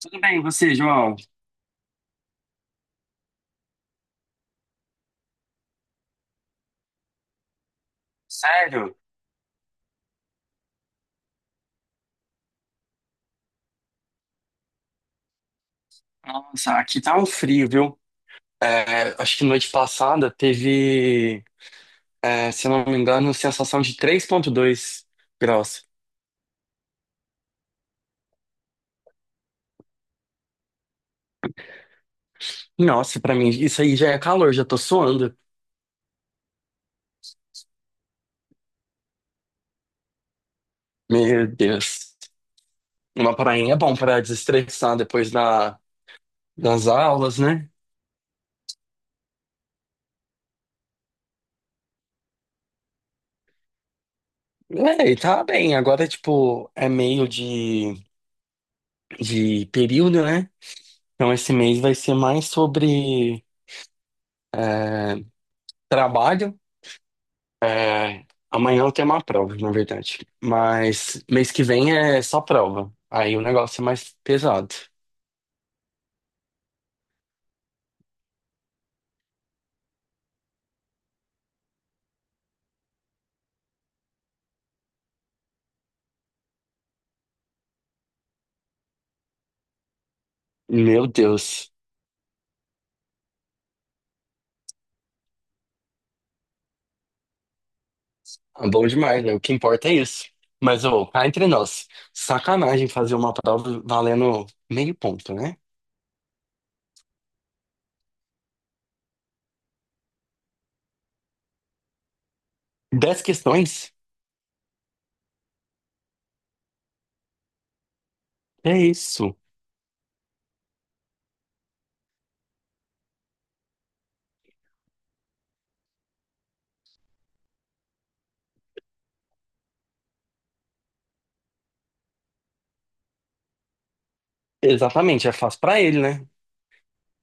Tudo bem, e você, João? Sério? Nossa, aqui tá um frio, viu? É, acho que noite passada teve, é, se eu não me engano, sensação de 3,2 graus. Nossa, pra mim, isso aí já é calor, já tô suando. Meu Deus. Uma prainha é bom pra desestressar depois da, das aulas, né? É, e tá bem. Agora, tipo, é meio de período, né? Então, esse mês vai ser mais sobre é, trabalho. É, amanhã eu tenho uma prova, na verdade. Mas mês que vem é só prova. Aí o negócio é mais pesado. Meu Deus, é bom demais, né? O que importa é isso. Mas, ô, cá entre nós, sacanagem fazer uma prova valendo meio ponto, né? Dez questões? É isso. Exatamente, é fácil pra ele, né?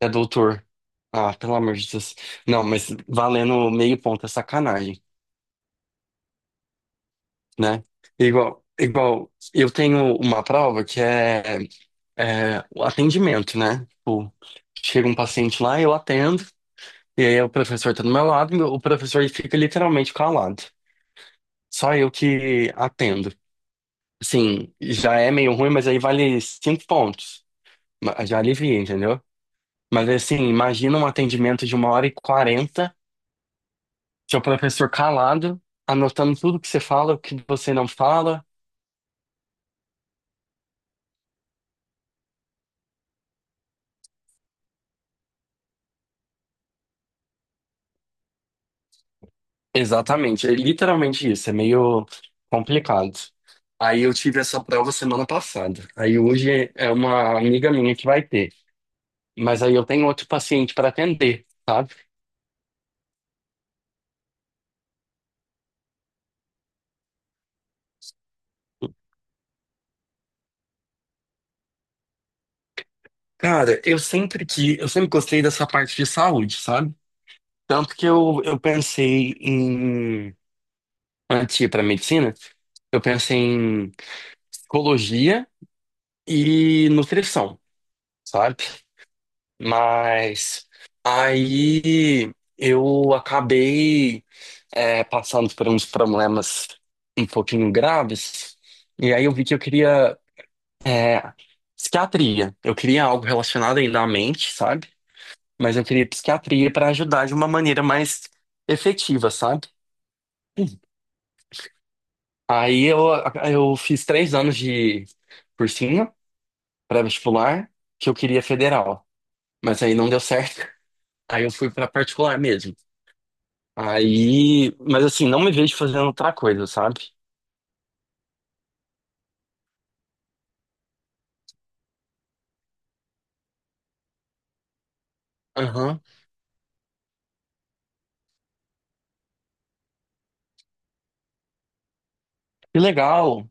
É doutor. Ah, pelo amor de Deus. Não, mas valendo meio ponto é sacanagem, né? Igual, eu tenho uma prova que é, é o atendimento, né? Tipo, chega um paciente lá, eu atendo, e aí o professor tá do meu lado, e o professor fica literalmente calado. Só eu que atendo. Assim, já é meio ruim, mas aí vale cinco pontos. Ma- Já alivia, entendeu? Mas assim, imagina um atendimento de uma hora e quarenta, seu professor calado, anotando tudo que você fala, o que você não fala. Exatamente, é literalmente isso, é meio complicado. Aí eu tive essa prova semana passada. Aí hoje é uma amiga minha que vai ter, mas aí eu tenho outro paciente para atender, sabe? Cara, eu sempre gostei dessa parte de saúde, sabe? Tanto que eu pensei em antes de ir para medicina, eu pensei em psicologia e nutrição, sabe? Mas aí eu acabei passando por uns problemas um pouquinho graves. E aí eu vi que eu queria é, psiquiatria. Eu queria algo relacionado ainda à mente, sabe? Mas eu queria psiquiatria para ajudar de uma maneira mais efetiva, sabe? Aí eu fiz 3 anos de cursinho pré-vestibular que eu queria federal, mas aí não deu certo. Aí eu fui para particular mesmo. Aí, mas assim, não me vejo fazendo outra coisa, sabe? Aham. Que legal.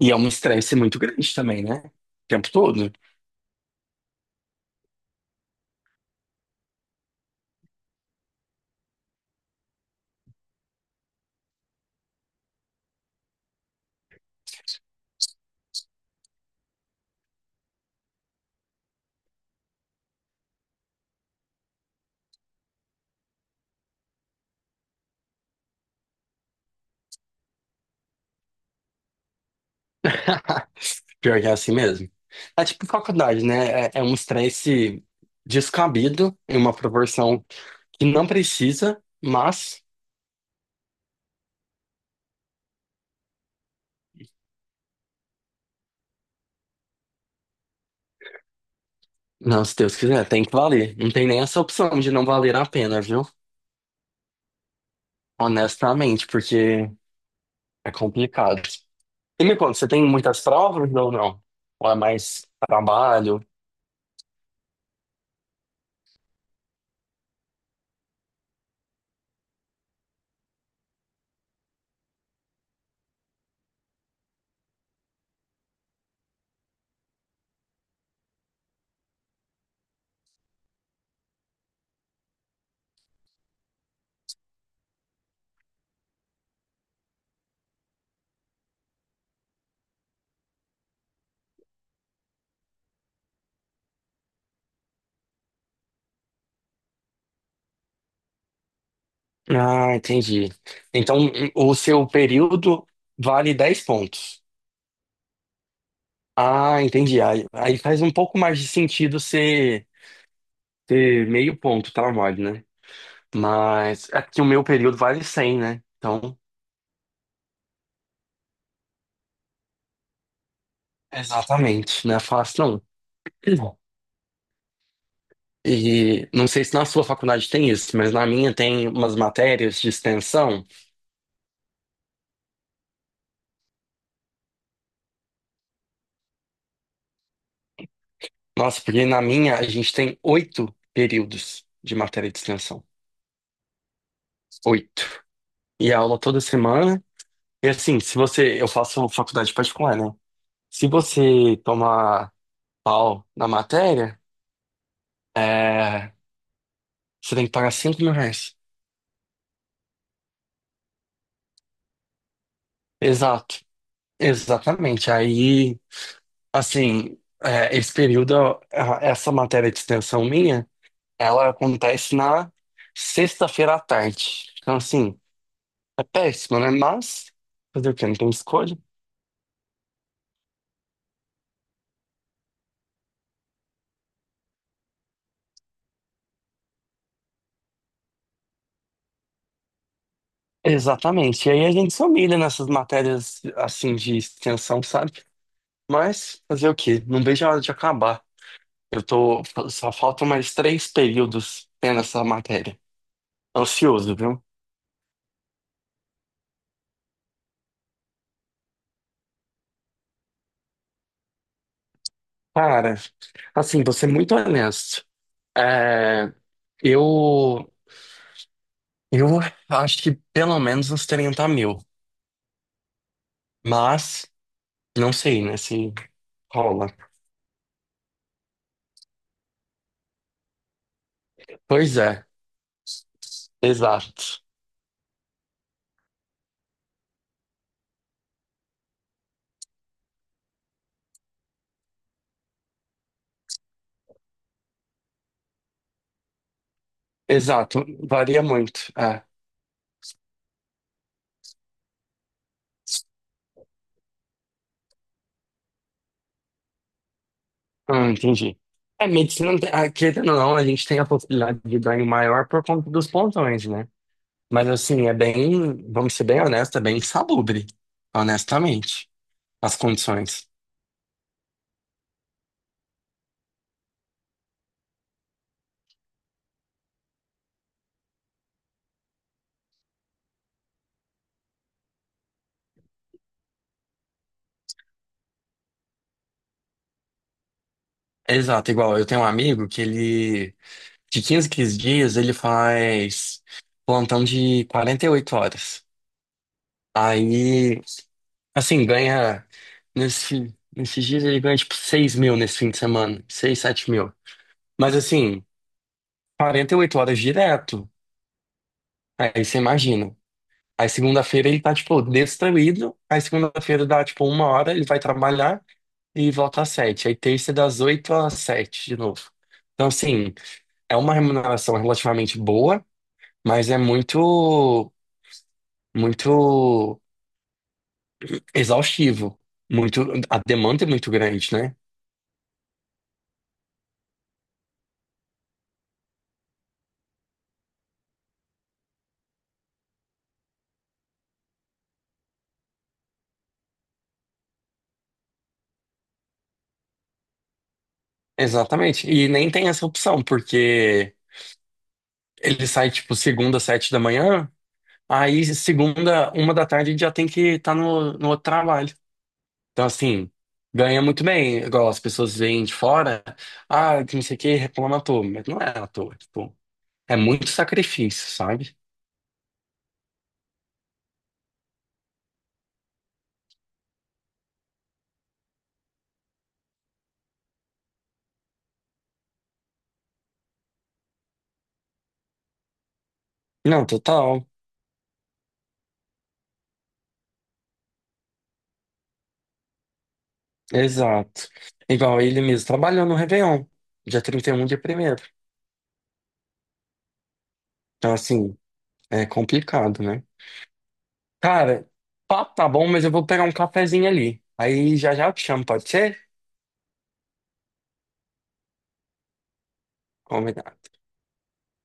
E é um estresse muito grande também, né? O tempo todo. Pior que é assim mesmo. É tipo faculdade, né? É, é um estresse descabido em uma proporção que não precisa, mas, não, se Deus quiser, tem que valer. Não tem nem essa opção de não valer a pena, viu? Honestamente, porque é complicado. E me conta, você tem muitas provas ou não? Ou é mais trabalho? Ah, entendi. Então, o seu período vale 10 pontos. Ah, entendi. Aí, aí faz um pouco mais de sentido ser ter meio ponto tá mole, né? Mas é que o meu período vale 100, né? Então, exatamente, não é fácil não. E não sei se na sua faculdade tem isso, mas na minha tem umas matérias de extensão. Nossa, porque na minha a gente tem oito períodos de matéria de extensão. Oito. E a aula toda semana. E assim, se você. Eu faço faculdade particular, né? Se você tomar pau na matéria. É, você tem que pagar 5 mil reais. Exato. Exatamente. Aí, assim, esse período, a- essa matéria de extensão minha, ela acontece na sexta-feira à tarde. Então, assim, é péssimo, né? Mas, fazer o quê? Não tem escolha. Exatamente. E aí a gente se humilha nessas matérias, assim, de extensão, sabe? Mas, fazer o quê? Não vejo a hora de acabar. Eu tô, só faltam mais três períodos tendo essa matéria. Ansioso, viu? Cara, assim, vou ser muito honesto. É, eu, eu acho que pelo menos uns 30 mil. Mas, não sei, né, se rola. Pois é, exato. Exato, varia muito. É. Entendi. É, medicina, não tem- ah, querendo ou não, a gente tem a possibilidade de ganho maior por conta dos plantões, né? Mas, assim, é bem, vamos ser bem honestos, é bem insalubre, honestamente, as condições. Exato, igual eu tenho um amigo que ele, de 15 em dias, ele faz plantão de 48 horas. Aí, assim, ganha, nesses dias ele ganha tipo 6 mil nesse fim de semana, 6 7 mil. Mas assim, 48 horas direto, aí você imagina. Aí segunda-feira ele tá, tipo, destruído, aí segunda-feira dá, tipo, uma hora, ele vai trabalhar e volta às sete. Aí terça das oito às sete de novo. Então, assim, é uma remuneração relativamente boa, mas é muito, muito exaustivo. Muito, a demanda é muito grande, né? Exatamente. E nem tem essa opção, porque ele sai, tipo, segunda, 7 da manhã, aí segunda, 1 da tarde, já tem que estar no outro trabalho. Então, assim, ganha muito bem. Igual as pessoas veem de fora, ah, que não sei o que, reclama à toa. Mas não é à toa, tipo. É muito sacrifício, sabe? Não, total. Exato. Igual ele mesmo trabalhou no Réveillon, dia 31, dia 1º. Então, assim, é complicado, né? Cara, papo tá bom, mas eu vou pegar um cafezinho ali. Aí já já eu te chamo, pode ser? Combinado.